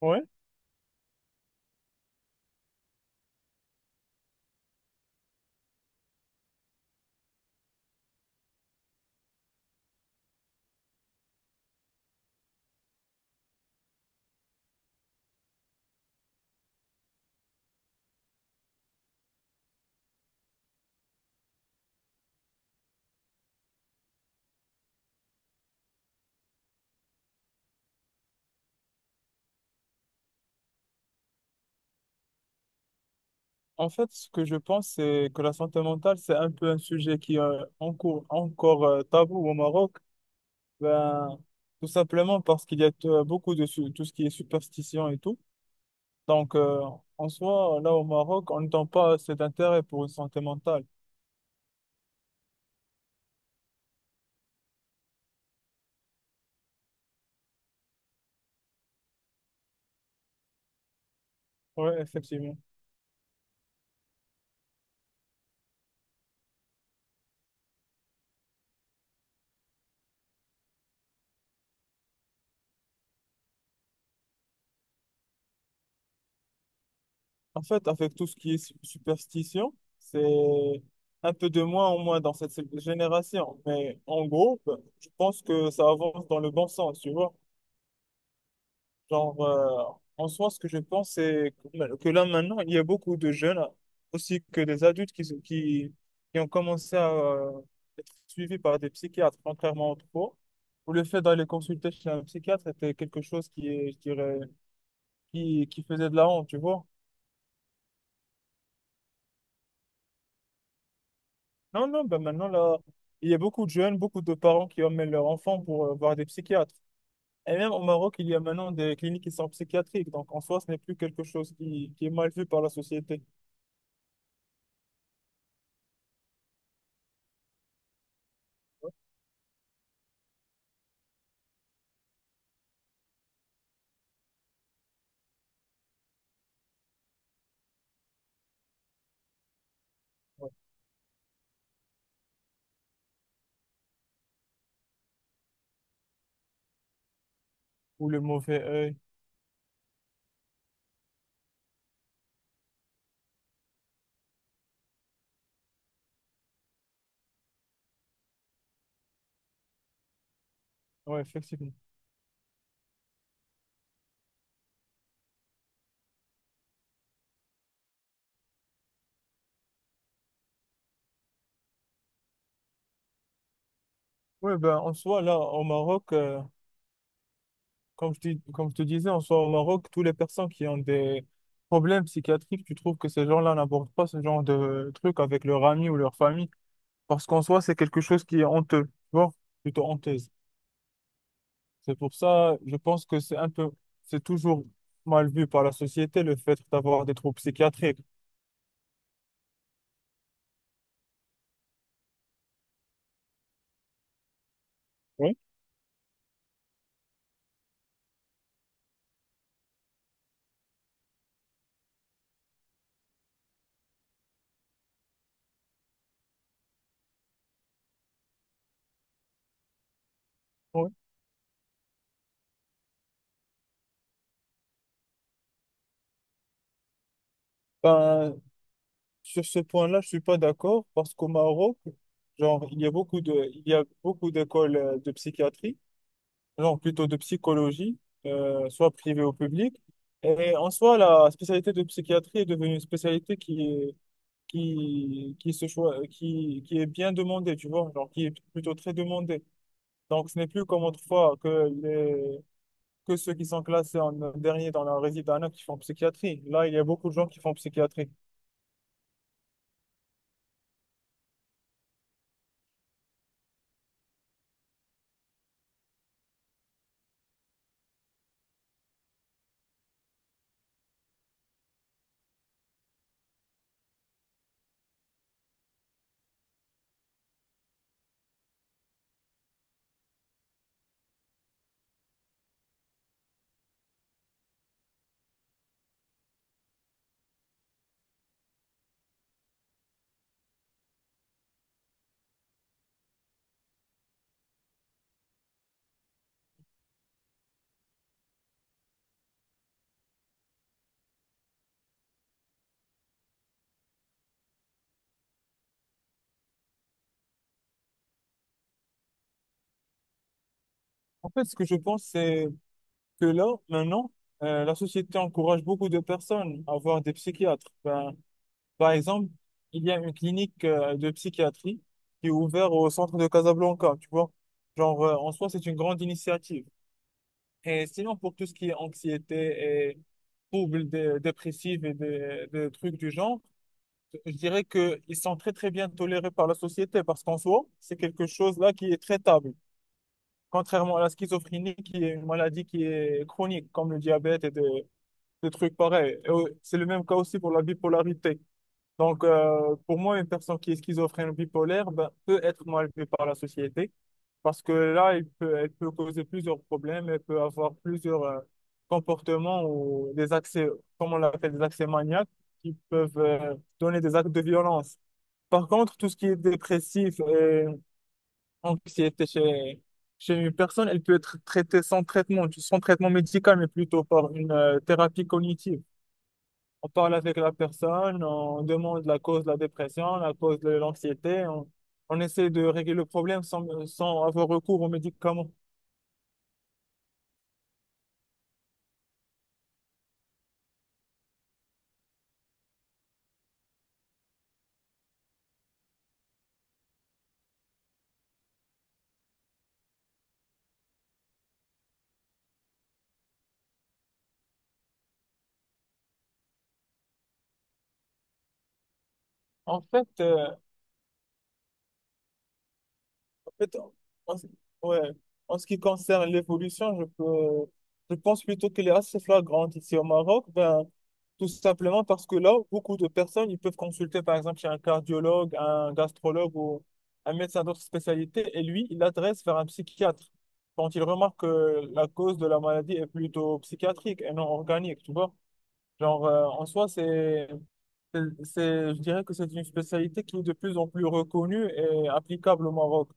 Ouais, en fait, ce que je pense, c'est que la santé mentale, c'est un peu un sujet qui est encore tabou au Maroc. Ben, tout simplement parce qu'il y a beaucoup de tout ce qui est superstition et tout. Donc, euh, En soi, là au Maroc, on n'entend pas cet intérêt pour une santé mentale. Oui, effectivement. En fait, avec tout ce qui est superstition, c'est un peu de moins en moins dans cette génération. Mais en gros, ben, je pense que ça avance dans le bon sens, tu vois. Genre, euh, En soi, ce que je pense, c'est que là maintenant, il y a beaucoup de jeunes, aussi que des adultes, qui ont commencé à être suivis par des psychiatres, contrairement autrefois, où le fait d'aller consulter chez un psychiatre était quelque chose je dirais, qui faisait de la honte, tu vois. Non, non, ben maintenant, là, il y a beaucoup de jeunes, beaucoup de parents qui emmènent leurs enfants pour voir des psychiatres. Et même au Maroc, il y a maintenant des cliniques qui sont psychiatriques, donc en soi, ce n'est plus quelque chose qui est mal vu par la société. Ou le mauvais œil. Ouais, effectivement. Ouais, ben, en soi, là, au Maroc, comme je dis, comme je te disais, en soi, au Maroc, toutes les personnes qui ont des problèmes psychiatriques, tu trouves que ces gens-là n'abordent pas ce genre de trucs avec leurs amis ou leur famille, parce qu'en soi, c'est quelque chose qui est honteux, tu vois, plutôt honteuse. C'est pour ça, je pense que c'est un peu, c'est toujours mal vu par la société, le fait d'avoir des troubles psychiatriques. Oui. Ouais. Ben, sur ce point-là, je suis pas d'accord parce qu'au Maroc, genre, il y a il y a beaucoup d'écoles de psychiatrie, genre plutôt de psychologie, soit privée ou publique. Et en soi, la spécialité de psychiatrie est devenue une spécialité qui se choi- qui est bien demandée, tu vois, genre, qui est plutôt très demandée. Donc, ce n'est plus comme autrefois que ceux qui sont classés en dernier dans la résidence qui font psychiatrie. Là, il y a beaucoup de gens qui font psychiatrie. En fait, ce que je pense, c'est que là, maintenant, la société encourage beaucoup de personnes à voir des psychiatres. Ben, par exemple, il y a une clinique de psychiatrie qui est ouverte au centre de Casablanca, tu vois. En soi, c'est une grande initiative. Et sinon, pour tout ce qui est anxiété et troubles dépressifs et des trucs du genre, je dirais qu'ils sont très, très bien tolérés par la société parce qu'en soi, c'est quelque chose là qui est traitable. Contrairement à la schizophrénie, qui est une maladie qui est chronique, comme le diabète et, de des trucs pareils. Et, c'est le même cas aussi pour la bipolarité. Donc, pour moi, une personne qui est schizophrène ou bipolaire ben, peut être mal vue par la société parce que là, elle peut causer plusieurs problèmes, elle peut avoir plusieurs comportements ou des accès, comme on l'appelle, des accès maniaques qui peuvent donner des actes de violence. Par contre, tout ce qui est dépressif et anxiété chez une personne, elle peut être traitée sans traitement, sans traitement médical, mais plutôt par une thérapie cognitive. On parle avec la personne, on demande la cause de la dépression, la cause de l'anxiété. On essaie de régler le problème sans avoir recours aux médicaments. En fait, euh, Peut-être- En, ce- ouais. En ce qui concerne l'évolution, je pense plutôt qu'elle est assez flagrante ici au Maroc, ben, tout simplement parce que là, beaucoup de personnes, ils peuvent consulter par exemple chez un cardiologue, un gastrologue ou un médecin d'autres spécialités, et lui, il l'adresse vers un psychiatre quand il remarque que la cause de la maladie est plutôt psychiatrique et non organique, tu vois. En soi, je dirais que c'est une spécialité qui est de plus en plus reconnue et applicable au Maroc.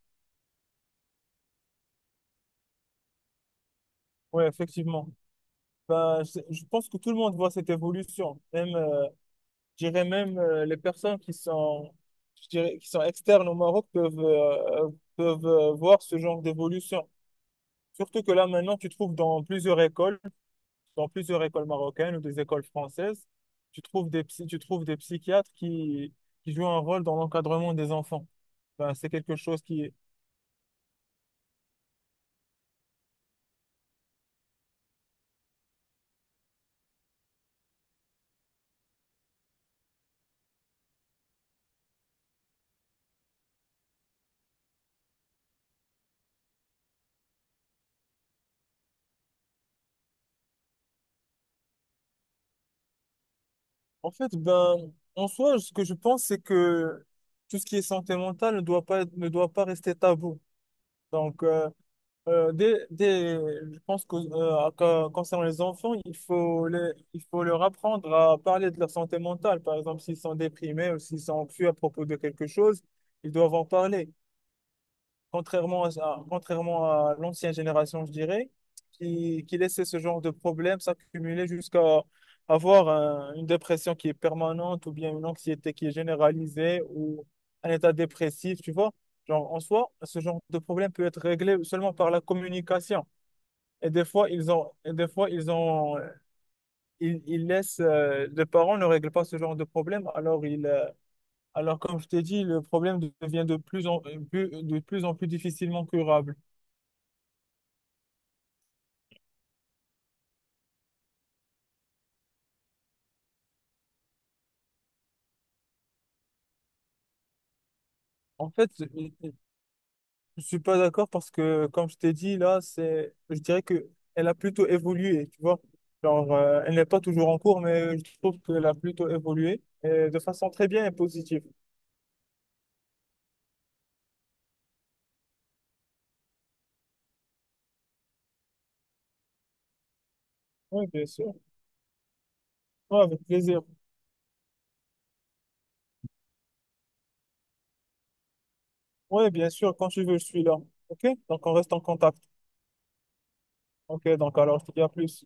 Oui, effectivement. Ben, je pense que tout le monde voit cette évolution. Même, je dirais même les personnes je dirais, qui sont externes au Maroc peuvent voir ce genre d'évolution. Surtout que là, maintenant, tu trouves dans plusieurs écoles marocaines ou des écoles françaises, tu trouves des psychiatres qui jouent un rôle dans l'encadrement des enfants. Ben, c'est quelque chose qui, En fait, ben, en soi, ce que je pense, c'est que tout ce qui est santé mentale ne doit pas rester tabou. Donc, euh, je pense que concernant les enfants, il faut leur apprendre à parler de leur santé mentale. Par exemple, s'ils sont déprimés ou s'ils sont anxieux à propos de quelque chose, ils doivent en parler contrairement à l'ancienne génération, je dirais, qui laissait ce genre de problème s'accumuler jusqu'à avoir une dépression qui est permanente ou bien une anxiété qui est généralisée ou un état dépressif, tu vois. Genre, en soi, ce genre de problème peut être réglé seulement par la communication. Et des fois, ils laissent, les parents ne règlent pas ce genre de problème, alors, comme je t'ai dit, le problème devient de plus en plus difficilement curable. En fait, je ne suis pas d'accord parce que, comme je t'ai dit, là, je dirais que elle a plutôt évolué, tu vois. Genre, elle n'est pas toujours en cours, mais je trouve qu'elle a plutôt évolué et de façon très bien et positive. Oui, bien sûr. Oui, avec plaisir. Oui, bien sûr, quand tu veux, je suis là. OK? Donc, on reste en contact. OK, donc alors, je te dis à plus.